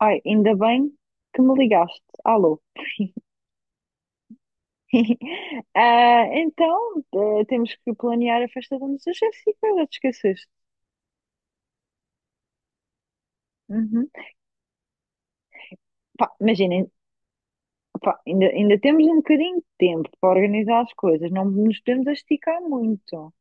Ai, ainda bem que me ligaste. Alô. Ah, então, temos que planear a festa da nossa Jéssica, já te esqueceste. Uhum. Pá, imaginem, pá, ainda temos um bocadinho de tempo para organizar as coisas, não nos podemos esticar muito.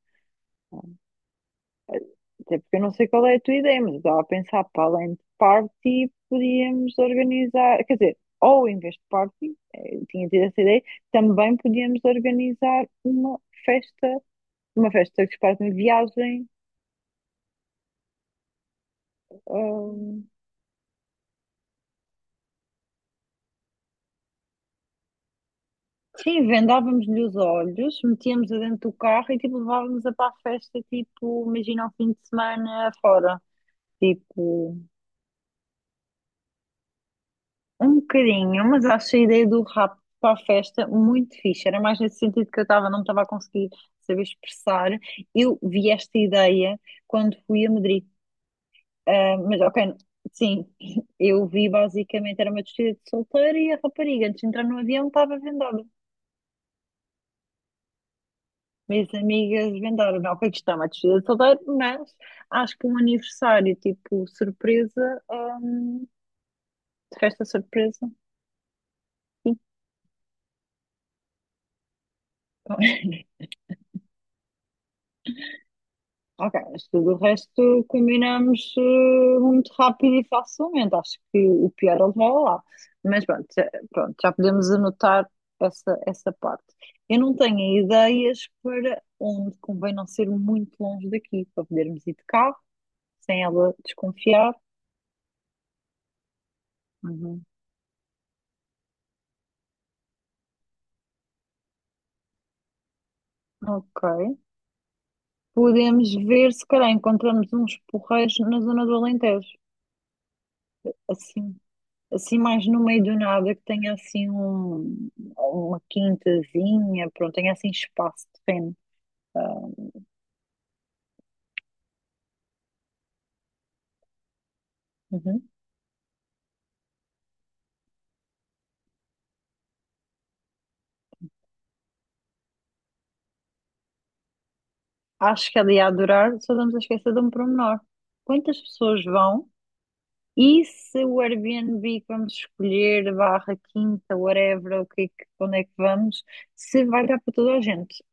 Até porque eu não sei qual é a tua ideia, mas eu estava a pensar para além de party, podíamos organizar, quer dizer, ou em vez de party, tinha tido essa ideia, também podíamos organizar festa, uma festa que se faz em viagem. Ah, sim, vendávamos-lhe os olhos, metíamos-a dentro do carro e tipo levávamos-a para a festa, tipo, imagina ao fim de semana fora. Tipo, um bocadinho, mas acho a ideia do rapto para a festa muito fixe. Era mais nesse sentido que eu estava, não me estava a conseguir saber expressar. Eu vi esta ideia quando fui a Madrid. Ah, mas ok, sim, eu vi basicamente, era uma despedida de solteiro e a rapariga, antes de entrar no avião, estava vendada. Minhas amigas vendaram-me. Ok, que está uma despedida de solteiro, mas acho que um aniversário tipo surpresa, hum, de festa surpresa. Sim. Ok, mas tudo o resto combinamos muito rápido e facilmente. Acho que o pior é levar lá. Mas pronto, já podemos anotar essa parte. Eu não tenho ideias para onde convém não ser muito longe daqui, para podermos ir de carro, sem ela desconfiar. Uhum. Ok. Podemos ver se calhar encontramos uns porreiros na zona do Alentejo, assim, assim mais no meio do nada, que tenha assim uma quintazinha, pronto, tenha assim espaço de terreno. Uhum. Acho que ela ia adorar, só estamos a esquecer de um pormenor. Quantas pessoas vão e se o Airbnb que vamos escolher, barra quinta, whatever, o que, é que- onde é que vamos, se vai dar para toda a gente?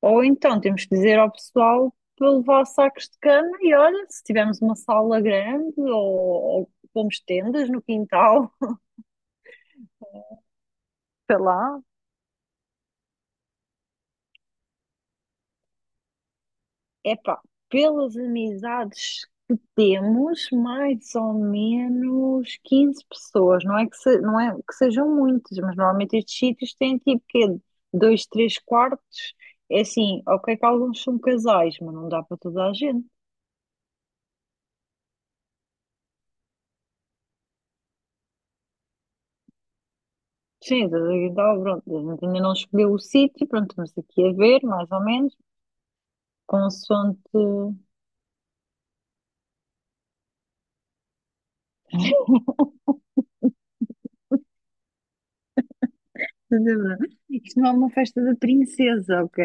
Ou então temos que dizer ao pessoal para levar sacos de cama e olha, se tivermos uma sala grande ou pomos tendas no quintal, sei lá. Epá, pelas amizades que temos, mais ou menos 15 pessoas. Não é que, não é que sejam muitas, mas normalmente estes sítios têm tipo quê? Dois, três quartos. É assim, ok que alguns são casais, mas não dá para toda a gente. Sim, da Aguinaldo, pronto, a gente ainda não escolheu o sítio, pronto, estamos aqui a ver, mais ou menos, consoante. Estás a ver? Isto não é uma festa da princesa, ok?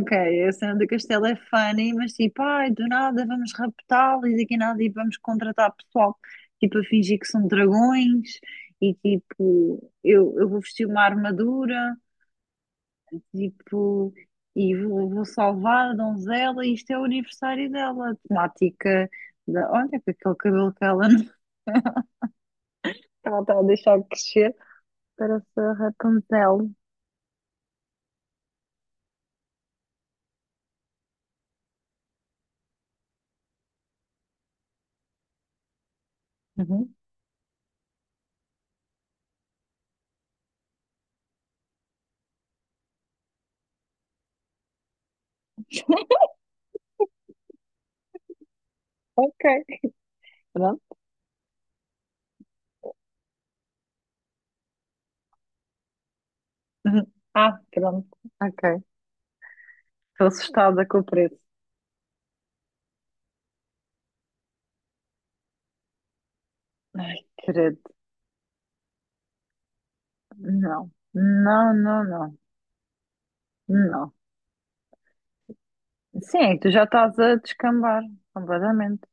Ok, a cena do castelo é funny, mas tipo, ai, do nada vamos raptá-lo e daqui a nada e vamos contratar pessoal, tipo, a fingir que são dragões e tipo, eu vou vestir uma armadura. Tipo, e vou salvar a donzela, e isto é o aniversário dela. Temática da. Olha, com aquele cabelo que ela não ela está a deixar crescer, parece a Rapunzel. Uhum. Ok, pronto. Uhum. Ah, pronto, ok. Estou assustada com o preço. Ai, credo, não, não, não, não, não. Sim, tu já estás a descambar completamente.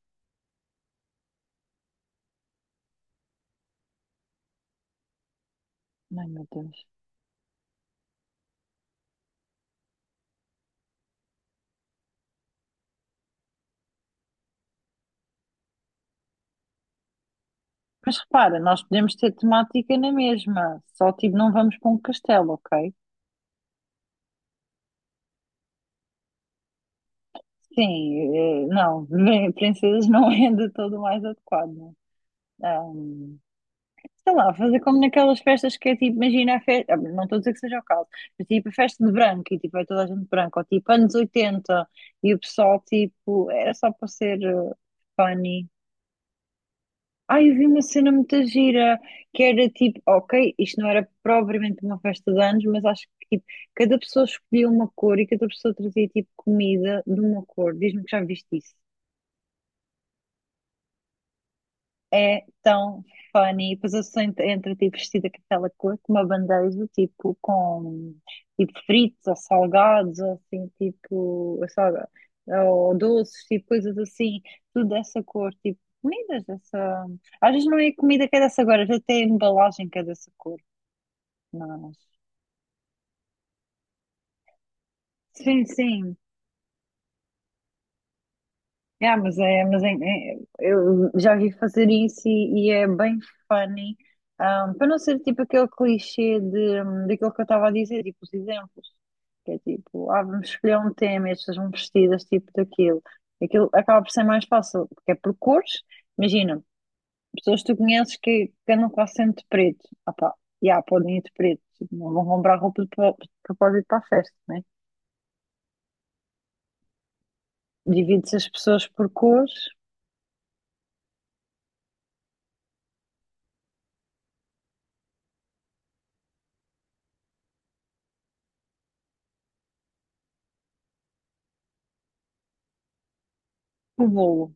Ai, meu Deus. Mas repara, nós podemos ter temática na mesma, só tipo não vamos para um castelo, ok? Sim, eh, não, princesas não é de todo o mais adequado. Ahm, Sei lá, fazer como naquelas festas que é tipo, imagina a festa, não estou a dizer que seja o caso, mas tipo a festa de branco e tipo é toda a gente branca, ou tipo anos 80 e o pessoal tipo, era só para ser funny. Ai, eu vi uma cena muito gira que era tipo, ok, isto não era propriamente uma festa de anos, mas acho que tipo, cada pessoa escolhia uma cor e cada pessoa trazia tipo comida de uma cor. Diz-me que já viste isso. É tão funny. E depois eu sou entre tipo vestida com aquela cor, com uma bandeja, tipo com tipo fritos ou salgados, ou assim, tipo ou salga- ou doces, tipo coisas assim, tudo dessa cor, tipo comidas dessa. Às vezes não é comida que é dessa cor, às vezes até a embalagem que é dessa cor. Mas. Sim, sim. Eu já vi fazer isso e é bem funny, para não ser tipo aquele clichê de, daquilo que eu estava a dizer, tipo os exemplos, que é tipo, ah, vamos escolher um tema e as pessoas vão vestidas tipo daquilo. Aquilo acaba por ser mais fácil, porque é por cores, imagina, pessoas que tu conheces que andam quase sempre de preto, ah pá, já, podem ir de preto, tipo, não vão comprar roupa de propósito para a festa, né? Divide-se as pessoas por cores, o bolo.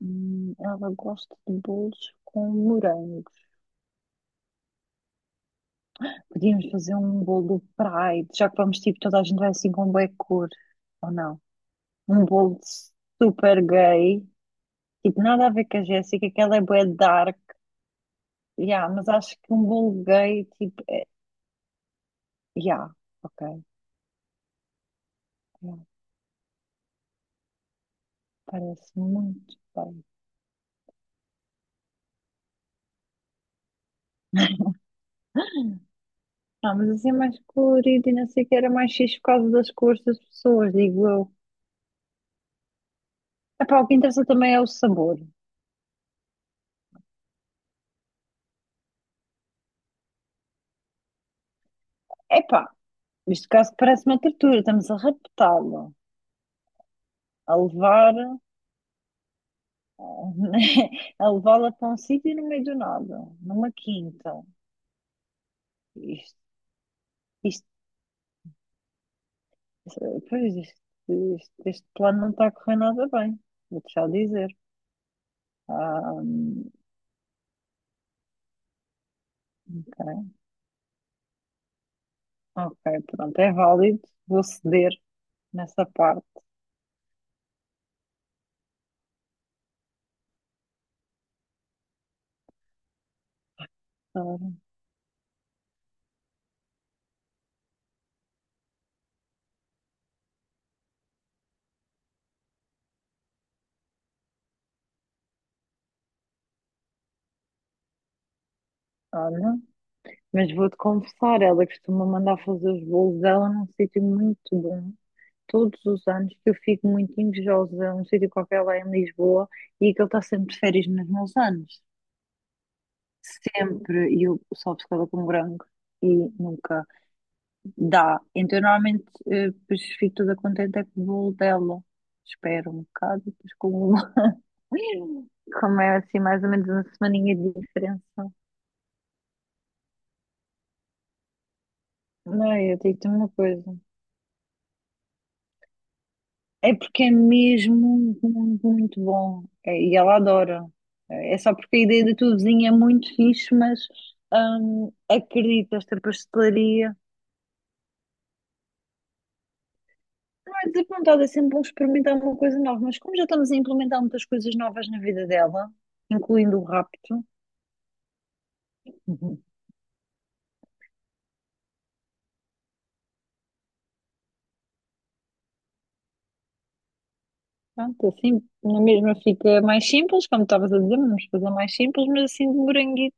Ela gosta de bolos com morangos. Podíamos fazer um bolo Pride, já que vamos tipo, toda a gente vai assim com bué cor, ou não? Um bolo super gay, tipo, nada a ver com a Jéssica, que ela é bué dark, yeah, mas acho que um bolo gay, tipo, yeah, ok, yeah, parece muito bem. Ah, mas assim é mais colorido e não sei o que, era mais fixe por causa das cores das pessoas, digo eu. Epá, o que interessa também é o sabor. Epá, neste caso parece uma tortura, estamos a raptá-lo, a levar, a levá-la para um sítio no meio do nada, numa quinta. Isto, isto, pois isto- Este plano não está a correr nada bem, vou-te já dizer. Ah, ok, ok, pronto, é válido, vou ceder nessa parte. Ah, olha, mas vou-te confessar, ela costuma mandar fazer os bolos dela num sítio muito bom todos os anos que eu fico muito invejosa a um sítio qualquer lá em Lisboa e que ele está sempre de férias nos meus anos. Sempre. E eu sou obcecada com branco e nunca dá. Então, eu normalmente, depois fico toda contente é com o bolo dela. Espero um bocado e depois como, como é assim, mais ou menos uma semaninha de diferença. Não, eu digo-te uma coisa. É porque é mesmo muito, muito bom. É, e ela adora. É só porque a ideia da tua vizinha é muito fixe, mas acredito, esta pastelaria. Não é desapontada, é sempre bom experimentar uma coisa nova, mas como já estamos a implementar muitas coisas novas na vida dela, incluindo o rapto, uhum, pronto, assim, na mesma fica mais simples, como estavas a dizer, vamos fazer mais simples, mas assim de moranguito.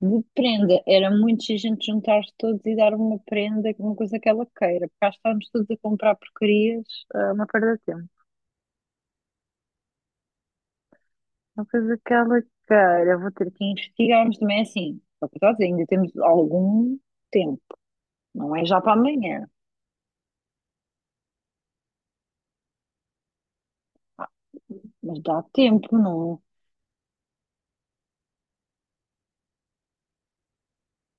De prenda, era muito giro a gente juntar-se todos e dar uma prenda, uma coisa que ela queira, porque cá estávamos todos a comprar porcarias, ah, uma perda de tempo. Uma coisa que ela queira, vou ter que investigar, mas também é assim, só que eu estou a dizer, ainda temos algum tempo, não é já para amanhã. Ah, mas dá tempo, não?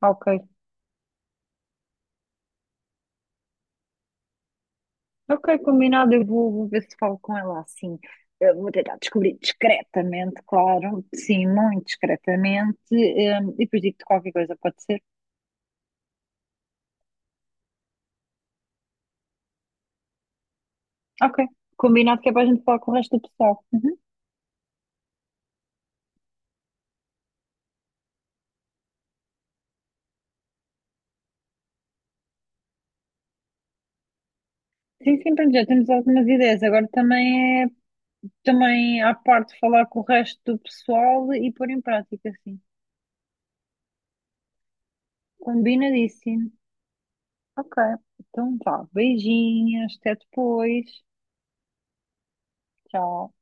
É? Ok, ok, combinado, eu vou ver se falo com ela assim. Eu vou tentar descobrir discretamente, claro, sim, muito discretamente, e depois digo-te qualquer coisa, pode ser? Ok. Combinado que é para a gente falar com o resto do pessoal. Uhum. Sim, sim, pronto, já temos algumas ideias. Agora também à parte, falar com o resto do pessoal e pôr em prática, sim. Combinadíssimo. Ok. Então vá. Beijinhos. Até depois. Tchau.